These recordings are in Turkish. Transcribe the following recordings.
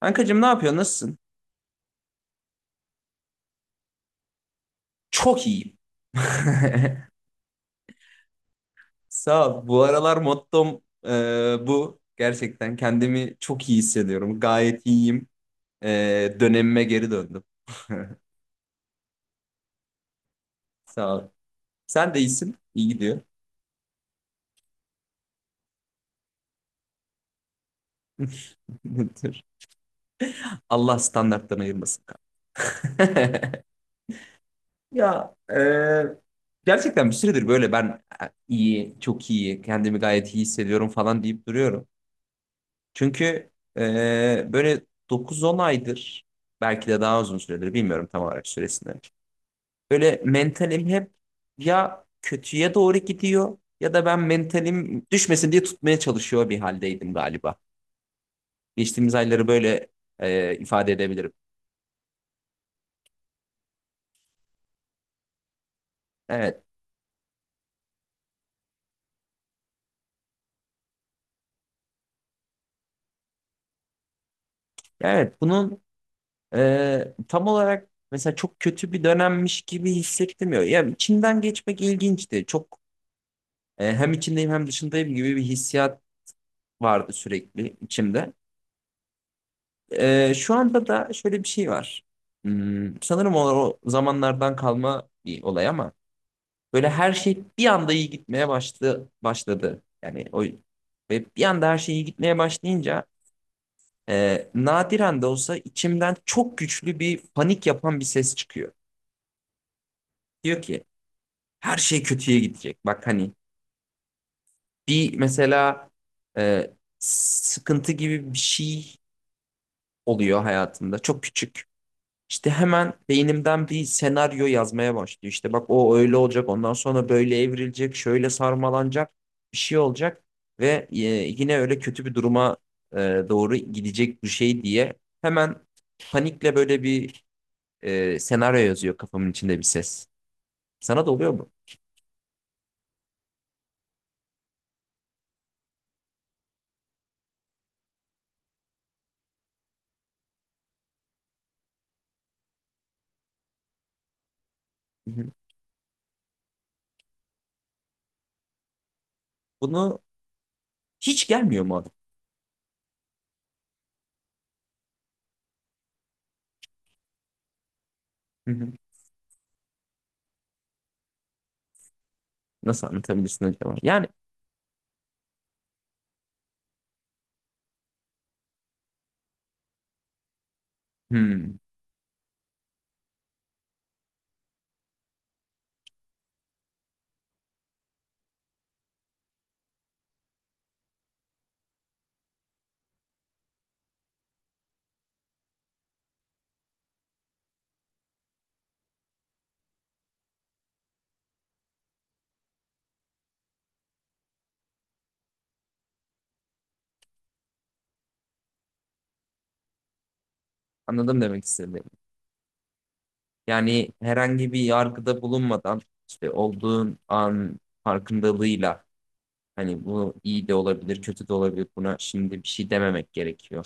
Kankacığım ne yapıyorsun? Nasılsın? Çok iyiyim. Sağ ol. Bu aralar mottom bu. Gerçekten kendimi çok iyi hissediyorum. Gayet iyiyim. E, dönemime geri döndüm. Sağ ol. Sen de iyisin. İyi gidiyor. Dur. Allah standarttan ayırmasın. Ya gerçekten bir süredir böyle ben iyi, çok iyi, kendimi gayet iyi hissediyorum falan deyip duruyorum. Çünkü böyle 9-10 aydır, belki de daha uzun süredir bilmiyorum tam olarak süresini. Böyle mentalim hep ya kötüye doğru gidiyor ya da ben mentalim düşmesin diye tutmaya çalışıyor bir haldeydim galiba. Geçtiğimiz ayları böyle ifade edebilirim. Evet, evet bunun tam olarak mesela çok kötü bir dönemmiş gibi hissettirmiyor. Yani içinden geçmek ilginçti. Çok hem içindeyim hem dışındayım gibi bir hissiyat vardı sürekli içimde. Şu anda da şöyle bir şey var. Sanırım o zamanlardan kalma bir olay ama böyle her şey bir anda iyi gitmeye başladı. Yani o ve bir anda her şey iyi gitmeye başlayınca nadiren de olsa içimden çok güçlü bir panik yapan bir ses çıkıyor. Diyor ki her şey kötüye gidecek. Bak hani bir mesela e, sıkıntı gibi bir şey oluyor hayatında. Çok küçük. İşte hemen beynimden bir senaryo yazmaya başlıyor. İşte bak o öyle olacak, ondan sonra böyle evrilecek, şöyle sarmalanacak, bir şey olacak ve yine öyle kötü bir duruma e, doğru gidecek bu şey diye hemen panikle böyle bir senaryo yazıyor kafamın içinde bir ses. Sana da oluyor mu? Hı hı. Bunu Hiç gelmiyor mu adam? Hı hı. Nasıl anlatabilirsin acaba? Yani hmm, anladım demek istediğimi. Yani herhangi bir yargıda bulunmadan işte olduğun an farkındalığıyla hani bu iyi de olabilir, kötü de olabilir. Buna şimdi bir şey dememek gerekiyor.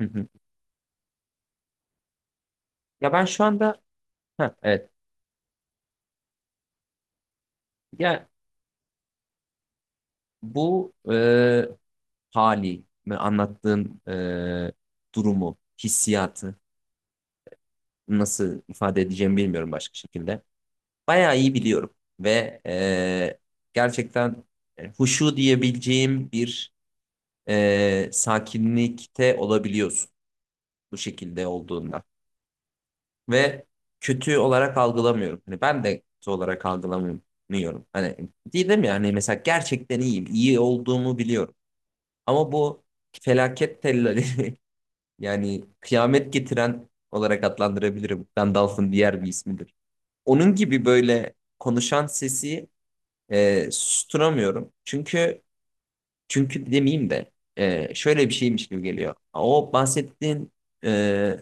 Hı hı. Ya ben şu anda ha, evet. Ya bu hali ve anlattığın durumu, hissiyatı nasıl ifade edeceğimi bilmiyorum başka şekilde. Bayağı iyi biliyorum ve gerçekten huşu diyebileceğim bir sakinlikte olabiliyorsun bu şekilde olduğunda ve kötü olarak algılamıyorum. Hani ben de kötü olarak algılamıyorum. Hani değilim ya hani mesela gerçekten iyiyim, iyi olduğumu biliyorum. Ama bu felaket tellali yani kıyamet getiren olarak adlandırabilirim. Gandalf'ın diğer bir ismidir. Onun gibi böyle konuşan sesi susturamıyorum. Çünkü demeyeyim de şöyle bir şeymiş gibi geliyor. O bahsettiğin e,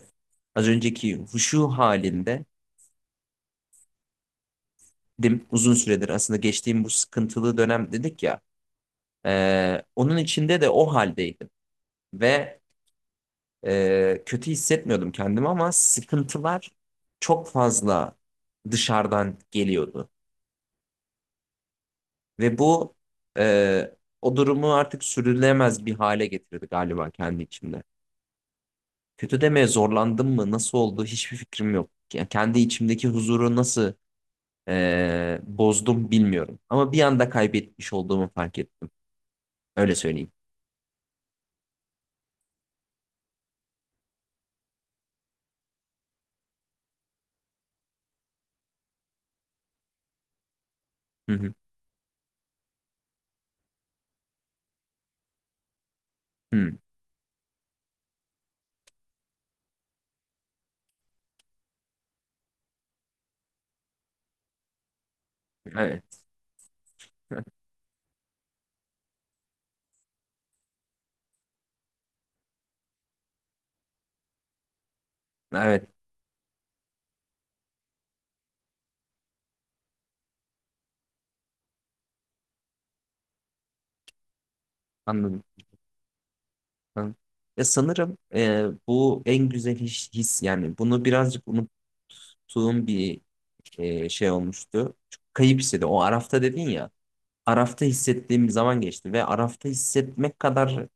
az önceki huşu halinde dim uzun süredir aslında geçtiğim bu sıkıntılı dönem dedik ya, onun içinde de o haldeydim ve kötü hissetmiyordum kendimi ama sıkıntılar çok fazla dışarıdan geliyordu ve bu e, o durumu artık sürülemez bir hale getirdi galiba kendi içimde. Kötü demeye zorlandım mı? Nasıl oldu? Hiçbir fikrim yok. Yani kendi içimdeki huzuru nasıl bozdum bilmiyorum. Ama bir anda kaybetmiş olduğumu fark ettim. Öyle söyleyeyim. Hı hı. Hı. Evet. Evet. Anladım. Hı. Ya sanırım bu en güzel his. Yani bunu birazcık unuttuğum bir şey olmuştu. Çok kayıp hissedim. O Araf'ta dedin ya. Araf'ta hissettiğim zaman geçti ve Araf'ta hissetmek kadar,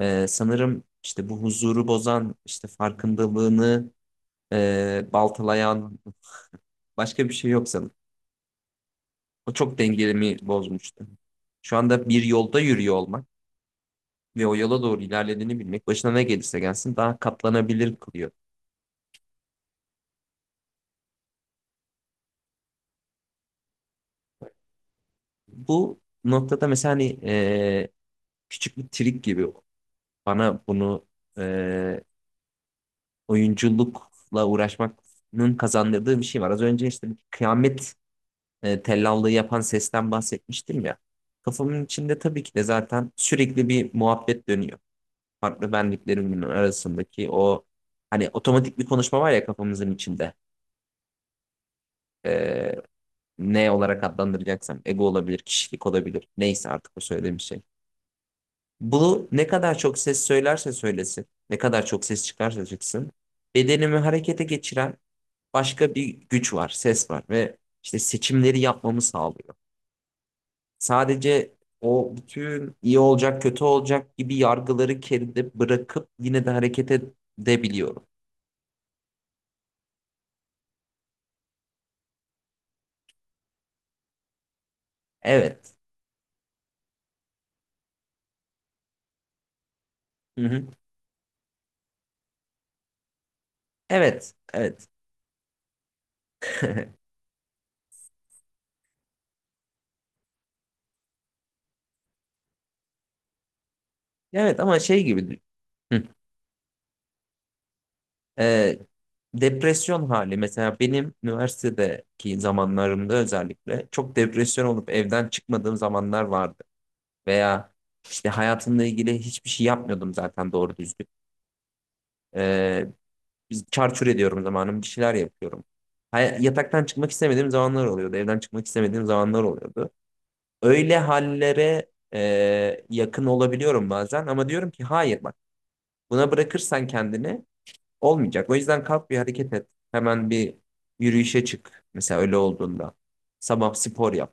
Sanırım işte bu huzuru bozan, işte farkındalığını baltalayan başka bir şey yok sanırım. O çok dengelemi bozmuştu. Şu anda bir yolda yürüyor olmak ve o yola doğru ilerlediğini bilmek başına ne gelirse gelsin daha katlanabilir kılıyor. Bu noktada mesela hani küçük bir trik gibi bana bunu e, oyunculukla uğraşmanın kazandırdığı bir şey var. Az önce işte kıyamet tellallığı yapan sesten bahsetmiştim ya. Kafamın içinde tabii ki de zaten sürekli bir muhabbet dönüyor. Farklı benliklerimin arasındaki o hani otomatik bir konuşma var ya kafamızın içinde. E, ne olarak adlandıracaksam ego olabilir, kişilik olabilir. Neyse artık o söylediğim şey. Bu ne kadar çok ses söylerse söylesin, ne kadar çok ses çıkarsa çıksın, bedenimi harekete geçiren başka bir güç var, ses var ve işte seçimleri yapmamı sağlıyor. Sadece o bütün iyi olacak, kötü olacak gibi yargıları geride bırakıp yine de hareket edebiliyorum. Evet. Hı hı. Evet. Evet. Evet ama şey gibi. Hı. Ee, depresyon hali mesela benim üniversitedeki zamanlarımda özellikle çok depresyon olup evden çıkmadığım zamanlar vardı. Veya işte hayatımla ilgili hiçbir şey yapmıyordum zaten doğru düzgün. Ee, Biz çarçur ediyorum zamanım. Bir şeyler yapıyorum. Yataktan çıkmak istemediğim zamanlar oluyordu. Evden çıkmak istemediğim zamanlar oluyordu. Öyle hallere yakın olabiliyorum bazen ama diyorum ki hayır bak, buna bırakırsan kendini olmayacak. O yüzden kalk bir hareket et. Hemen bir yürüyüşe çık. Mesela öyle olduğunda. Sabah spor yap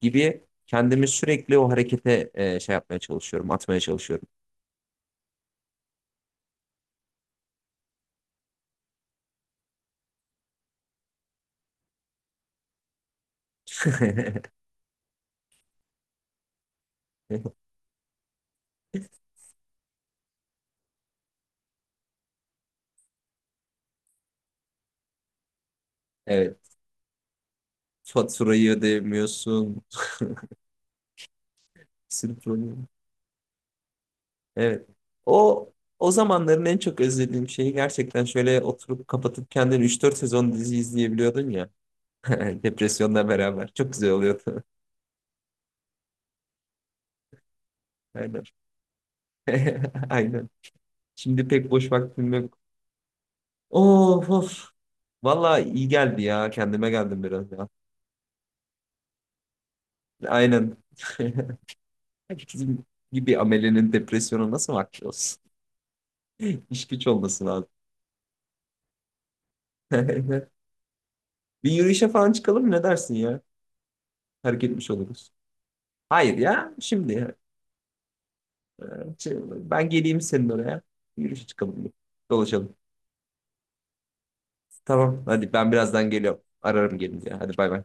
gibi kendimi sürekli o harekete şey yapmaya çalışıyorum, atmaya çalışıyorum. Evet. Faturayı ödemiyorsun. Sırf onu. Evet. O o zamanların en çok özlediğim şeyi gerçekten şöyle oturup kapatıp kendini 3-4 sezon dizi izleyebiliyordun ya. Depresyonla beraber. Çok güzel oluyordu. Aynen. Aynen. Şimdi pek boş vaktim yok. Of of. Valla iyi geldi ya. Kendime geldim biraz ya. Aynen. Herkesin gibi amelenin depresyona nasıl vakti olsun? İş güç olması lazım. Bir yürüyüşe falan çıkalım mı? Ne dersin ya? Hareket etmiş oluruz. Hayır ya. Şimdi ya. Şey, ben geleyim senin oraya. Yürüyüşe çıkalım. Dolaşalım. Tamam. Hadi ben birazdan geliyorum. Ararım gelince. Hadi bay bay.